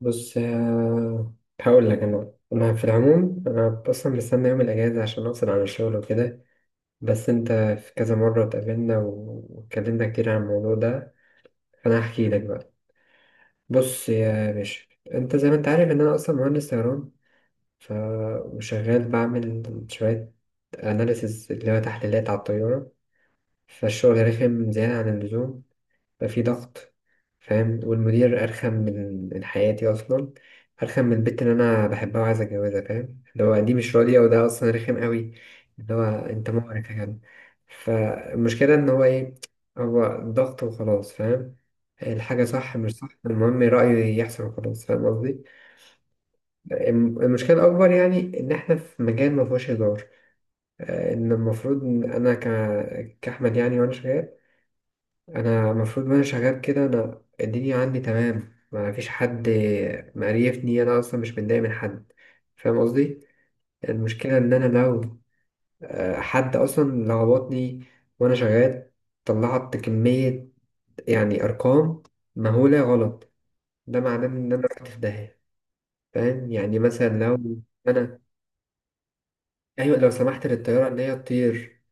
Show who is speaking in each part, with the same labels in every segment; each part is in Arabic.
Speaker 1: بص، هقول لك انا في العموم، انا اصلا مستني يوم الاجازه عشان افصل عن الشغل وكده. بس انت في كذا مره اتقابلنا واتكلمنا كتير عن الموضوع ده، فانا هحكي لك بقى. بص يا باشا، انت زي ما انت عارف ان انا اصلا مهندس طيران. ف وشغال بعمل شويه اناليسز اللي هو تحليلات على الطياره. فالشغل رخم زياده عن اللزوم، بقى في ضغط، فاهم. والمدير أرخم من حياتي أصلا، أرخم من البنت اللي أنا بحبها وعايز أتجوزها، فاهم؟ اللي هو دي مش راضية، وده أصلا رخم قوي. اللي هو أنت مقرف يا جدع. فالمشكلة إن هو إيه؟ هو ضغط وخلاص، فاهم. الحاجة صح مش صح، المهم رأيه يحصل وخلاص، فاهم قصدي. المشكلة الأكبر يعني إن إحنا في مجال مفهوش هزار. إن المفروض إن أنا كأحمد يعني، وأنا شغال. انا المفروض وانا شغال كده، انا الدنيا عندي تمام، ما فيش حد مقريفني، انا اصلا مش متضايق من حد، فاهم قصدي. المشكله ان انا لو حد اصلا لخبطني وانا شغال، طلعت كميه يعني ارقام مهوله غلط، ده معناه ان انا رحت في داهيه. فاهم؟ يعني مثلا لو انا، ايوه، لو سمحت للطياره ان هي تطير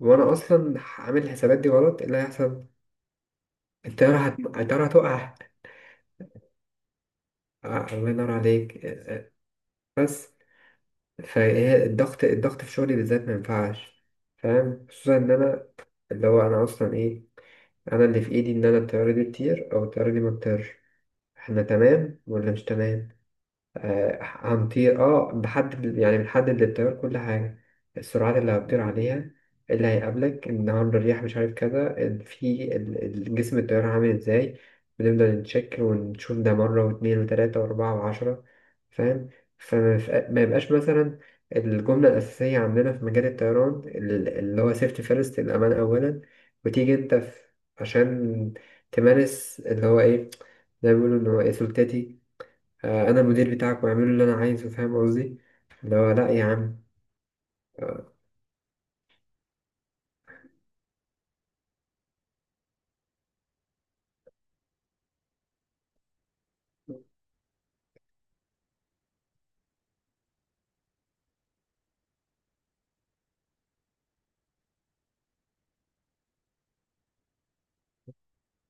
Speaker 1: وانا اصلا عامل الحسابات دي غلط، إيه اللي هيحصل؟ الطياره الطياره هتقع. الله ينور عليك. بس فهي الضغط في شغلي بالذات ما ينفعش، فاهم. خصوصا ان انا، اللي هو انا اصلا ايه، انا اللي في ايدي ان انا الطياره دي تطير او الطياره دي ما تطيرش، احنا تمام ولا مش تمام. هنطير، اه. بحدد يعني بنحدد للطيار كل حاجة، السرعات اللي هتطير عليها، اللي هيقابلك النهاردة الرياح مش عارف كذا، جسم الطيارة عامل ازاي. بنفضل نتشك ونشوف ده مرة واتنين وتلاتة وأربعة وعشرة، فاهم. ما يبقاش مثلا الجملة الأساسية عندنا في مجال الطيران، اللي هو سيفتي فيرست، الأمان أولا. وتيجي أنت في، عشان تمارس اللي هو إيه، زي ما بيقولوا إن هو إيه سلطتي. انا المدير بتاعك واعمله اللي انا عايزه، فاهم قصدي. اللي هو لا يا عم. آه،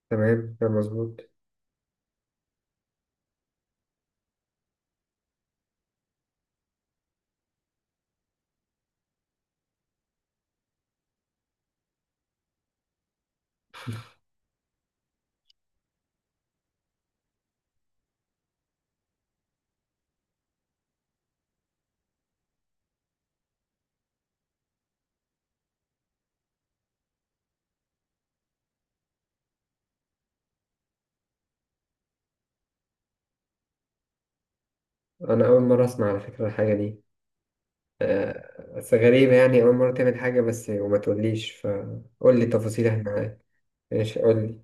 Speaker 1: تمام، كان مظبوط. انا اول مره اسمع على فكره الحاجه دي. بس غريبه يعني، اول مره تعمل حاجه بس وما تقوليش. فقول لي تفاصيلها معاك. ماشي قول لي.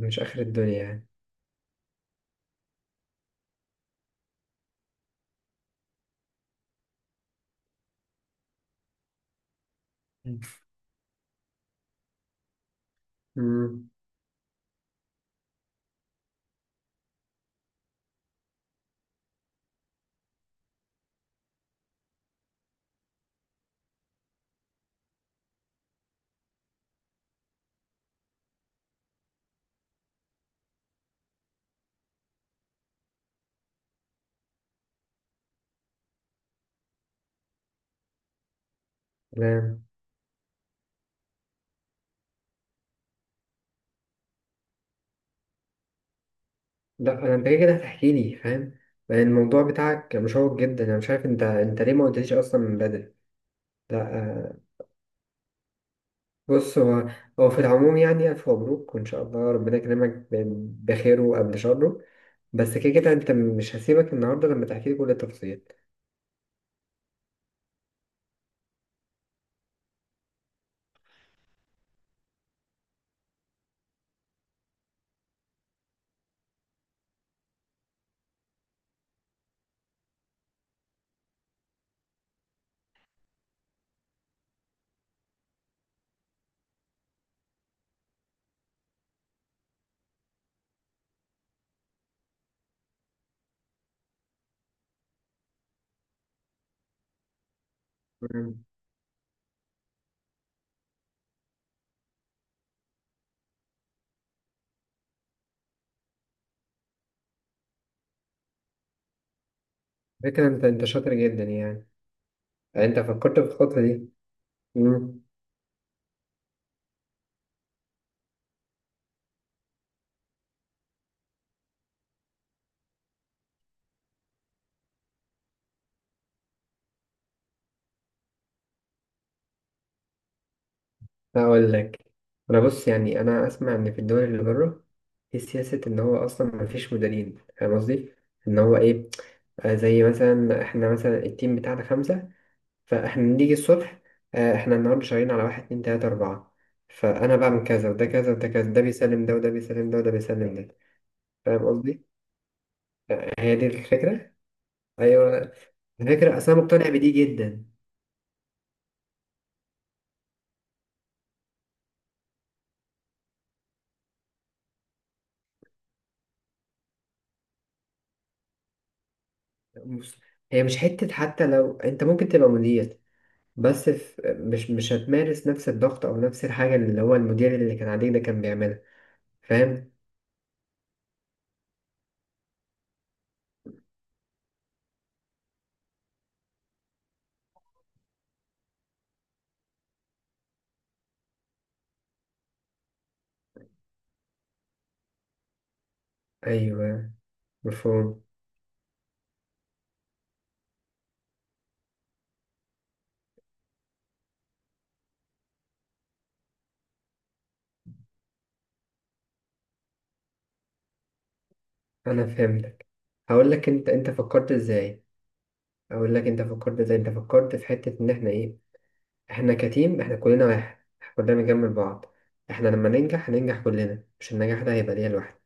Speaker 1: مش اخر الدنيا يعني. مم. امم لا لا، انا انت كده كده هتحكي لي، فاهم. لأن الموضوع بتاعك مشوق جدا، انا مش عارف انت ليه ما قلتليش اصلا من بدري. لا بص، هو في العموم يعني ألف مبروك، وإن شاء الله ربنا يكرمك بخيره قبل شره. بس كده كده أنت مش هسيبك النهاردة لما تحكي لي كل التفاصيل. مم. فكرة، أنت شاطر جدا يعني. أنت فكرت في الخطوة دي. مم. هقول لك أنا. بص يعني، أنا أسمع إن في الدول اللي بره في سياسة إن هو أصلا مفيش مديرين، فاهم قصدي؟ إن هو إيه. زي مثلا إحنا مثلا التيم بتاعنا خمسة، فاحنا نيجي الصبح. احنا النهارده شغالين على واحد اتنين تلاتة أربعة، فأنا بعمل كذا وده كذا وده كذا، ده بيسلم ده وده بيسلم ده وده بيسلم ده، فاهم قصدي؟ هي دي الفكرة؟ أيوه، الفكرة أصل أنا مقتنع بدي جدا. بص، هي مش حتة. حتى لو أنت ممكن تبقى مدير، بس في مش هتمارس نفس الضغط أو نفس الحاجة اللي هو المدير اللي كان عليك ده كان بيعملها، فاهم؟ أيوه، مفهوم. أنا فهمتك. هقول لك، أنت فكرت إزاي؟ اقول لك انت فكرت ازاي. انت فكرت في حتة ان احنا ايه، احنا كتيم، احنا كلنا واحد، احنا كلنا بنكمل بعض. احنا لما ننجح هننجح كلنا، مش النجاح ده هيبقى ليا لوحدي.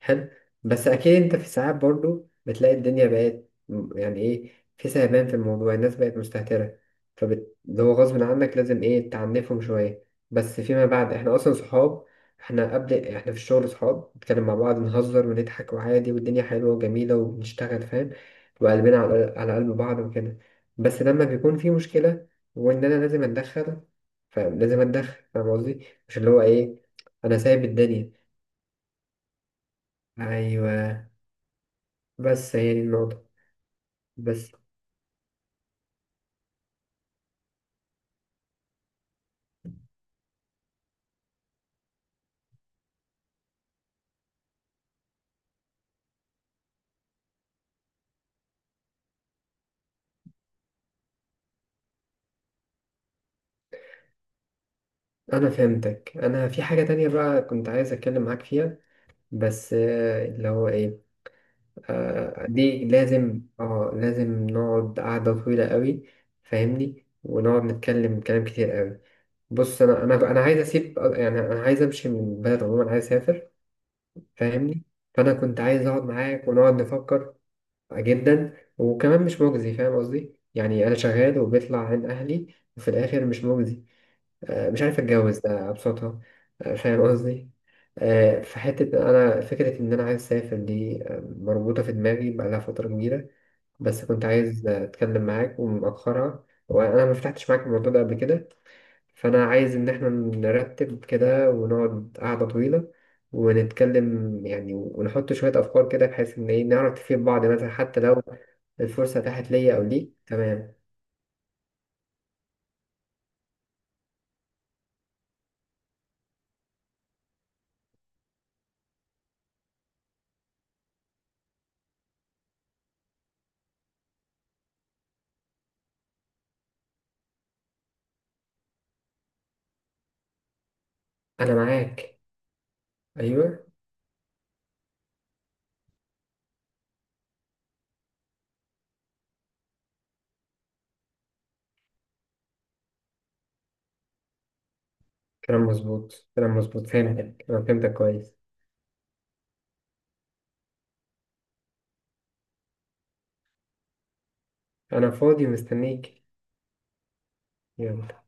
Speaker 1: حلو. بس اكيد انت في ساعات برضو بتلاقي الدنيا بقت يعني ايه، في سهبان في الموضوع، الناس بقت مستهترة. اللي هو غصب عنك لازم ايه، تعنفهم شوية. بس فيما بعد احنا اصلا صحاب. احنا قبل، احنا في الشغل صحاب، بنتكلم مع بعض نهزر ونضحك وعادي، والدنيا حلوة وجميلة وبنشتغل، فاهم. وقلبنا على قلب بعض وكده. بس لما بيكون في مشكلة وان انا لازم اتدخل، فلازم اتدخل، فاهم قصدي. مش اللي هو ايه، انا سايب الدنيا. ايوه، بس هي دي النقطة. بس أنا فهمتك. أنا في حاجة تانية بقى كنت عايز أتكلم معاك فيها. بس اللي هو إيه، دي لازم آه لازم نقعد قعدة طويلة قوي، فاهمني. ونقعد نتكلم كلام كتير قوي. بص، أنا عايز أسيب، يعني أنا عايز أمشي من البلد عموما، عايز أسافر، فاهمني. فأنا كنت عايز أقعد معاك ونقعد نفكر. جدا، وكمان مش مجزي، فاهم قصدي. يعني أنا شغال وبيطلع عين أهلي وفي الآخر مش مجزي. مش عارف اتجوز، ده ابسطها. فاهم قصدي. في حتة انا فكرة ان انا عايز اسافر دي، مربوطة في دماغي بقالها فترة كبيرة. بس كنت عايز اتكلم معاك ومأخرها، وانا ما فتحتش معاك الموضوع ده قبل كده. فانا عايز ان احنا نرتب كده ونقعد قعدة طويلة ونتكلم يعني، ونحط شوية افكار كده بحيث ان ايه نعرف نفيد بعض مثلا، حتى لو الفرصة اتاحت ليا او ليك، تمام. انا معاك. ايوه، كلام مظبوط كلام مظبوط، فهمتك. أنا فهمتك كويس. أنا فاضي ومستنيك. يلا.